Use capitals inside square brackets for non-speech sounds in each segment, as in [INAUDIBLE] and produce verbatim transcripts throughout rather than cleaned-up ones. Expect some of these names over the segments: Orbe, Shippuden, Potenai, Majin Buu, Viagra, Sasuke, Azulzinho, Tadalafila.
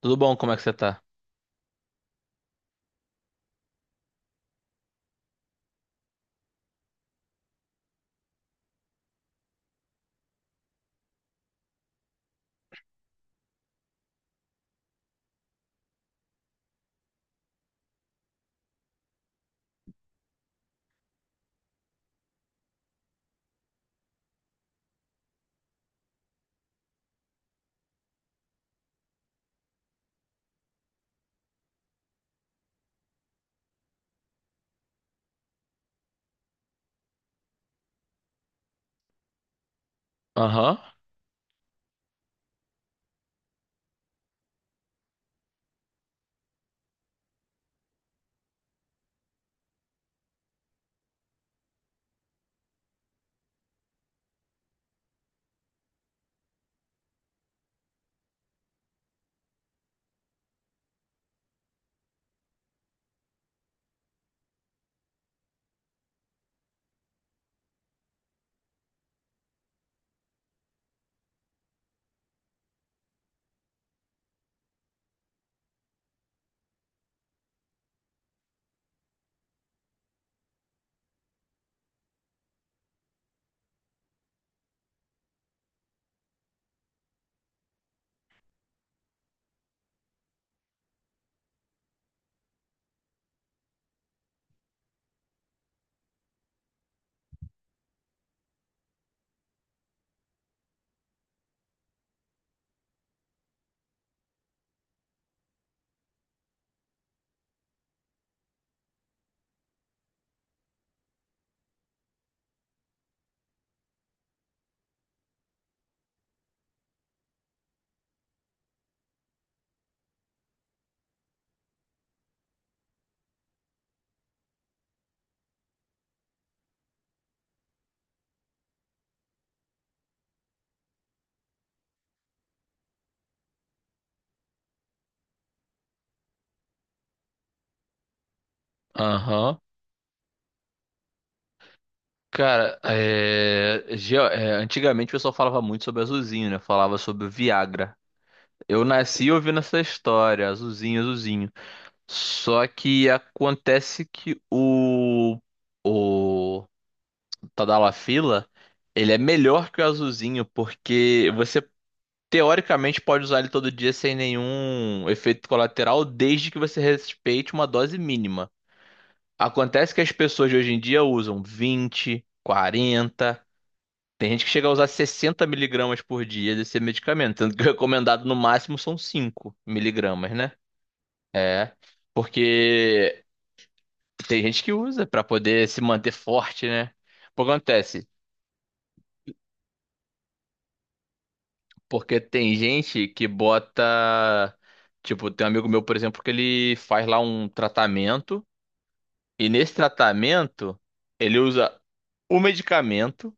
Tudo bom? Como é que você tá? Aham, aham. Cara, é... geo- é, antigamente o pessoal falava muito sobre Azulzinho, né? Falava sobre o Viagra. Eu nasci ouvindo essa história, Azulzinho, Azulzinho. Só que acontece que o... O Tadalafila, ele é melhor que o Azulzinho, porque você, teoricamente, pode usar ele todo dia sem nenhum efeito colateral, desde que você respeite uma dose mínima. Acontece que as pessoas de hoje em dia usam vinte, quarenta. Tem gente que chega a usar sessenta miligramas por dia desse medicamento, sendo que o recomendado no máximo são cinco miligramas, né? É, porque tem gente que usa pra poder se manter forte, né? O que acontece? Porque tem gente que bota. Tipo, tem um amigo meu, por exemplo, que ele faz lá um tratamento, e nesse tratamento ele usa o medicamento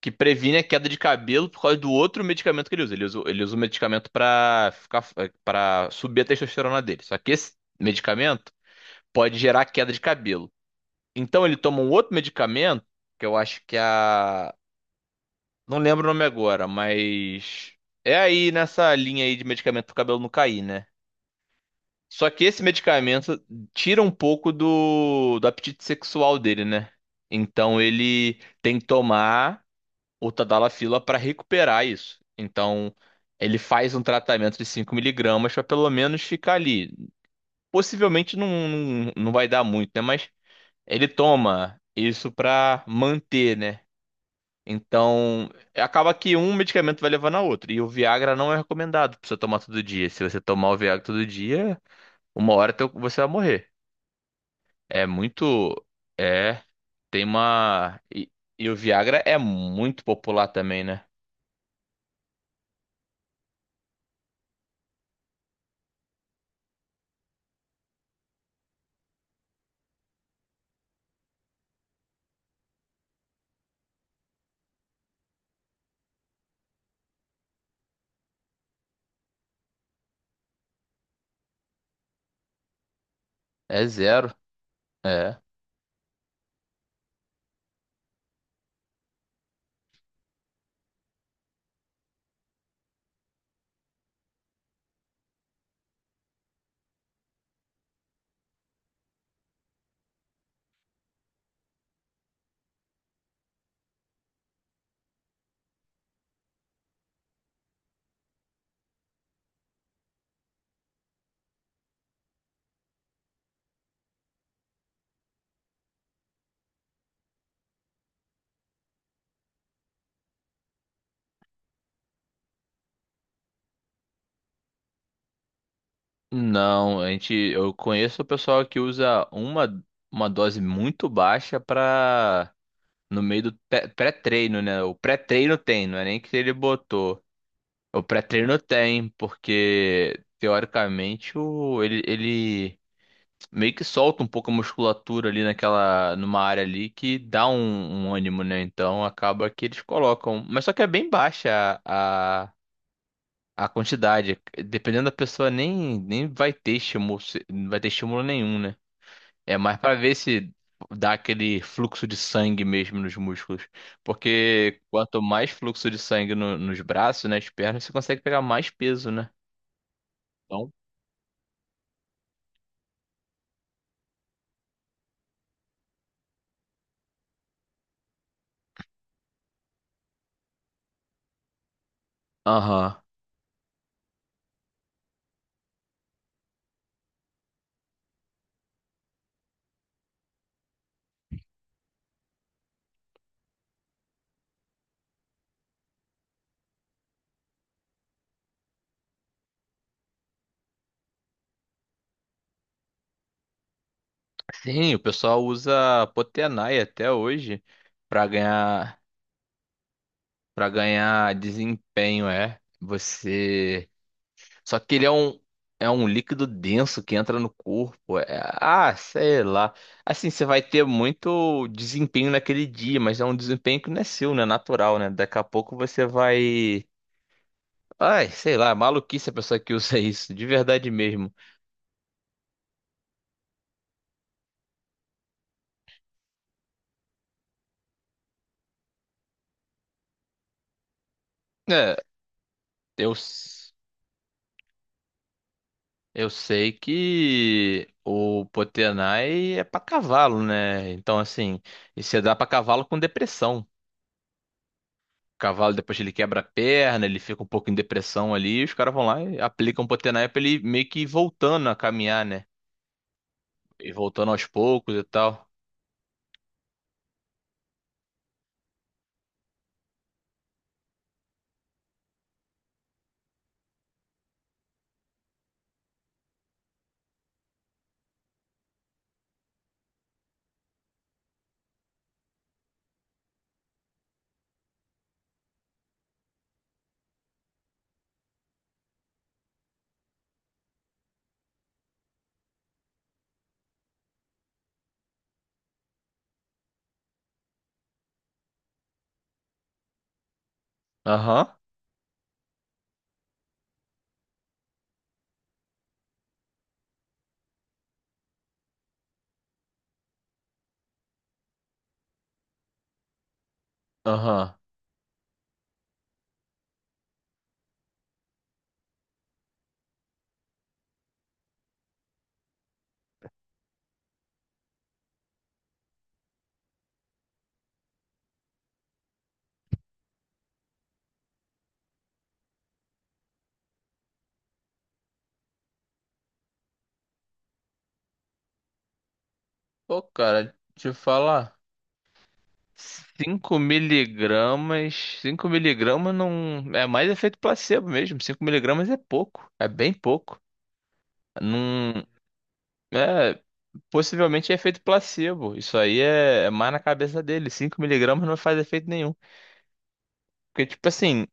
que previne a queda de cabelo por causa do outro medicamento que ele usa. Ele usa, ele usa um medicamento pra ficar para subir a testosterona dele. Só que esse medicamento pode gerar queda de cabelo. Então ele toma um outro medicamento, que eu acho que é a não lembro o nome agora, mas é aí nessa linha aí de medicamento pro cabelo não cair, né? Só que esse medicamento tira um pouco do, do apetite sexual dele, né? Então ele tem que tomar o Tadalafila para recuperar isso. Então, ele faz um tratamento de cinco miligramas para pelo menos ficar ali. Possivelmente não, não, não vai dar muito, né? Mas ele toma isso para manter, né? Então, acaba que um medicamento vai levando a outro. E o Viagra não é recomendado pra você tomar todo dia. Se você tomar o Viagra todo dia, uma hora teu- você vai morrer. É muito. É. Tem uma. E, e o Viagra é muito popular também, né? É zero. É. Não, a gente, eu conheço o pessoal que usa uma, uma dose muito baixa para no meio do pé- pré-treino, né? O pré-treino tem, não é nem que ele botou. O pré-treino tem, porque teoricamente o, ele, ele meio que solta um pouco a musculatura ali naquela, numa área ali que dá um, um ânimo, né? Então acaba que eles colocam, mas só que é bem baixa a quantidade, dependendo da pessoa, nem, nem vai ter estímulo, se- não vai ter estímulo nenhum, né? É mais pra ver se dá aquele fluxo de sangue mesmo nos músculos. Porque quanto mais fluxo de sangue no- nos braços, nas pernas, você consegue pegar mais peso, né? Então, aham. Sim, o pessoal usa Potenai até hoje pra ganhar para ganhar desempenho, é. Você só que ele é um, é um líquido denso que entra no corpo. É- ah, sei lá. Assim, você vai ter muito desempenho naquele dia, mas é um desempenho que não é seu, né? Natural, né? Daqui a pouco você vai. Ai, sei lá, maluquice a pessoa que usa [LAUGHS] isso, de verdade mesmo. É, eu, s- eu sei que o Potenai é pra cavalo, né? Então, assim, e você dá pra cavalo com depressão. Cavalo, depois ele quebra a perna, ele fica um pouco em depressão ali, e os caras vão lá e aplicam Potenai pra ele meio que ir voltando a caminhar, né? E voltando aos poucos e tal. Aham, aham. Pô, cara, deixa eu falar. cinco miligramas, cinco miligramas não... É mais efeito placebo mesmo, cinco miligramas é pouco, é bem pouco. Não... É... Possivelmente é efeito placebo. Isso aí é, é mais na cabeça dele. Cinco miligramas não faz efeito nenhum. Porque, tipo assim,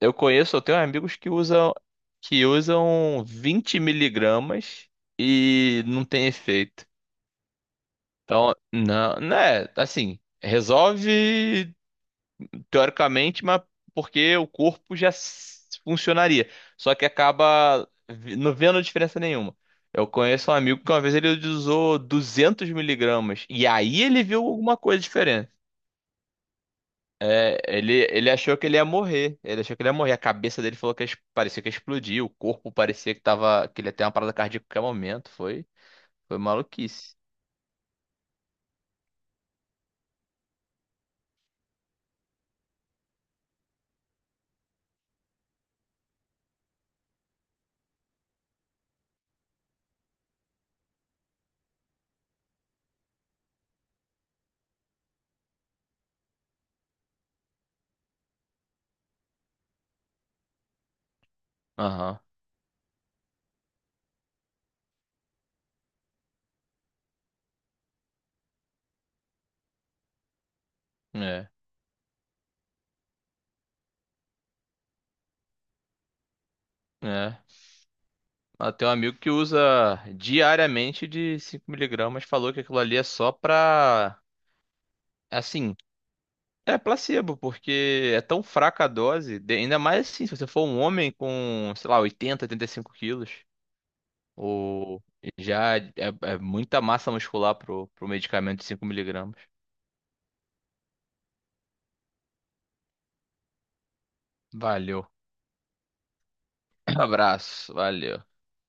Eu conheço, eu tenho amigos que usam que usam vinte miligramas e não tem efeito. Então, não, não é assim, resolve teoricamente, mas porque o corpo já s- funcionaria. Só que acaba vi- não vendo diferença nenhuma. Eu conheço um amigo que uma vez ele usou duzentos miligramas e aí ele viu alguma coisa. É, ele, ele achou que ele ia morrer. Ele achou que ele ia morrer. A cabeça dele falou que es- parecia que ia explodir. O corpo parecia que tava, que ele ia ter uma parada cardíaca a qualquer momento. Foi, foi maluquice. Aham. É, é. Ah, tem um amigo que usa diariamente de cinco miligramas falou que aquilo ali é só pra. Assim, é placebo, porque é tão fraca a dose. de- Ainda mais assim, se você for um homem com, sei lá, oitenta, oitenta e cinco quilos. O, já é, é muita massa muscular pro, pro medicamento de cinco miligramas. Valeu. [CLEARS THROAT] Abraço. Valeu.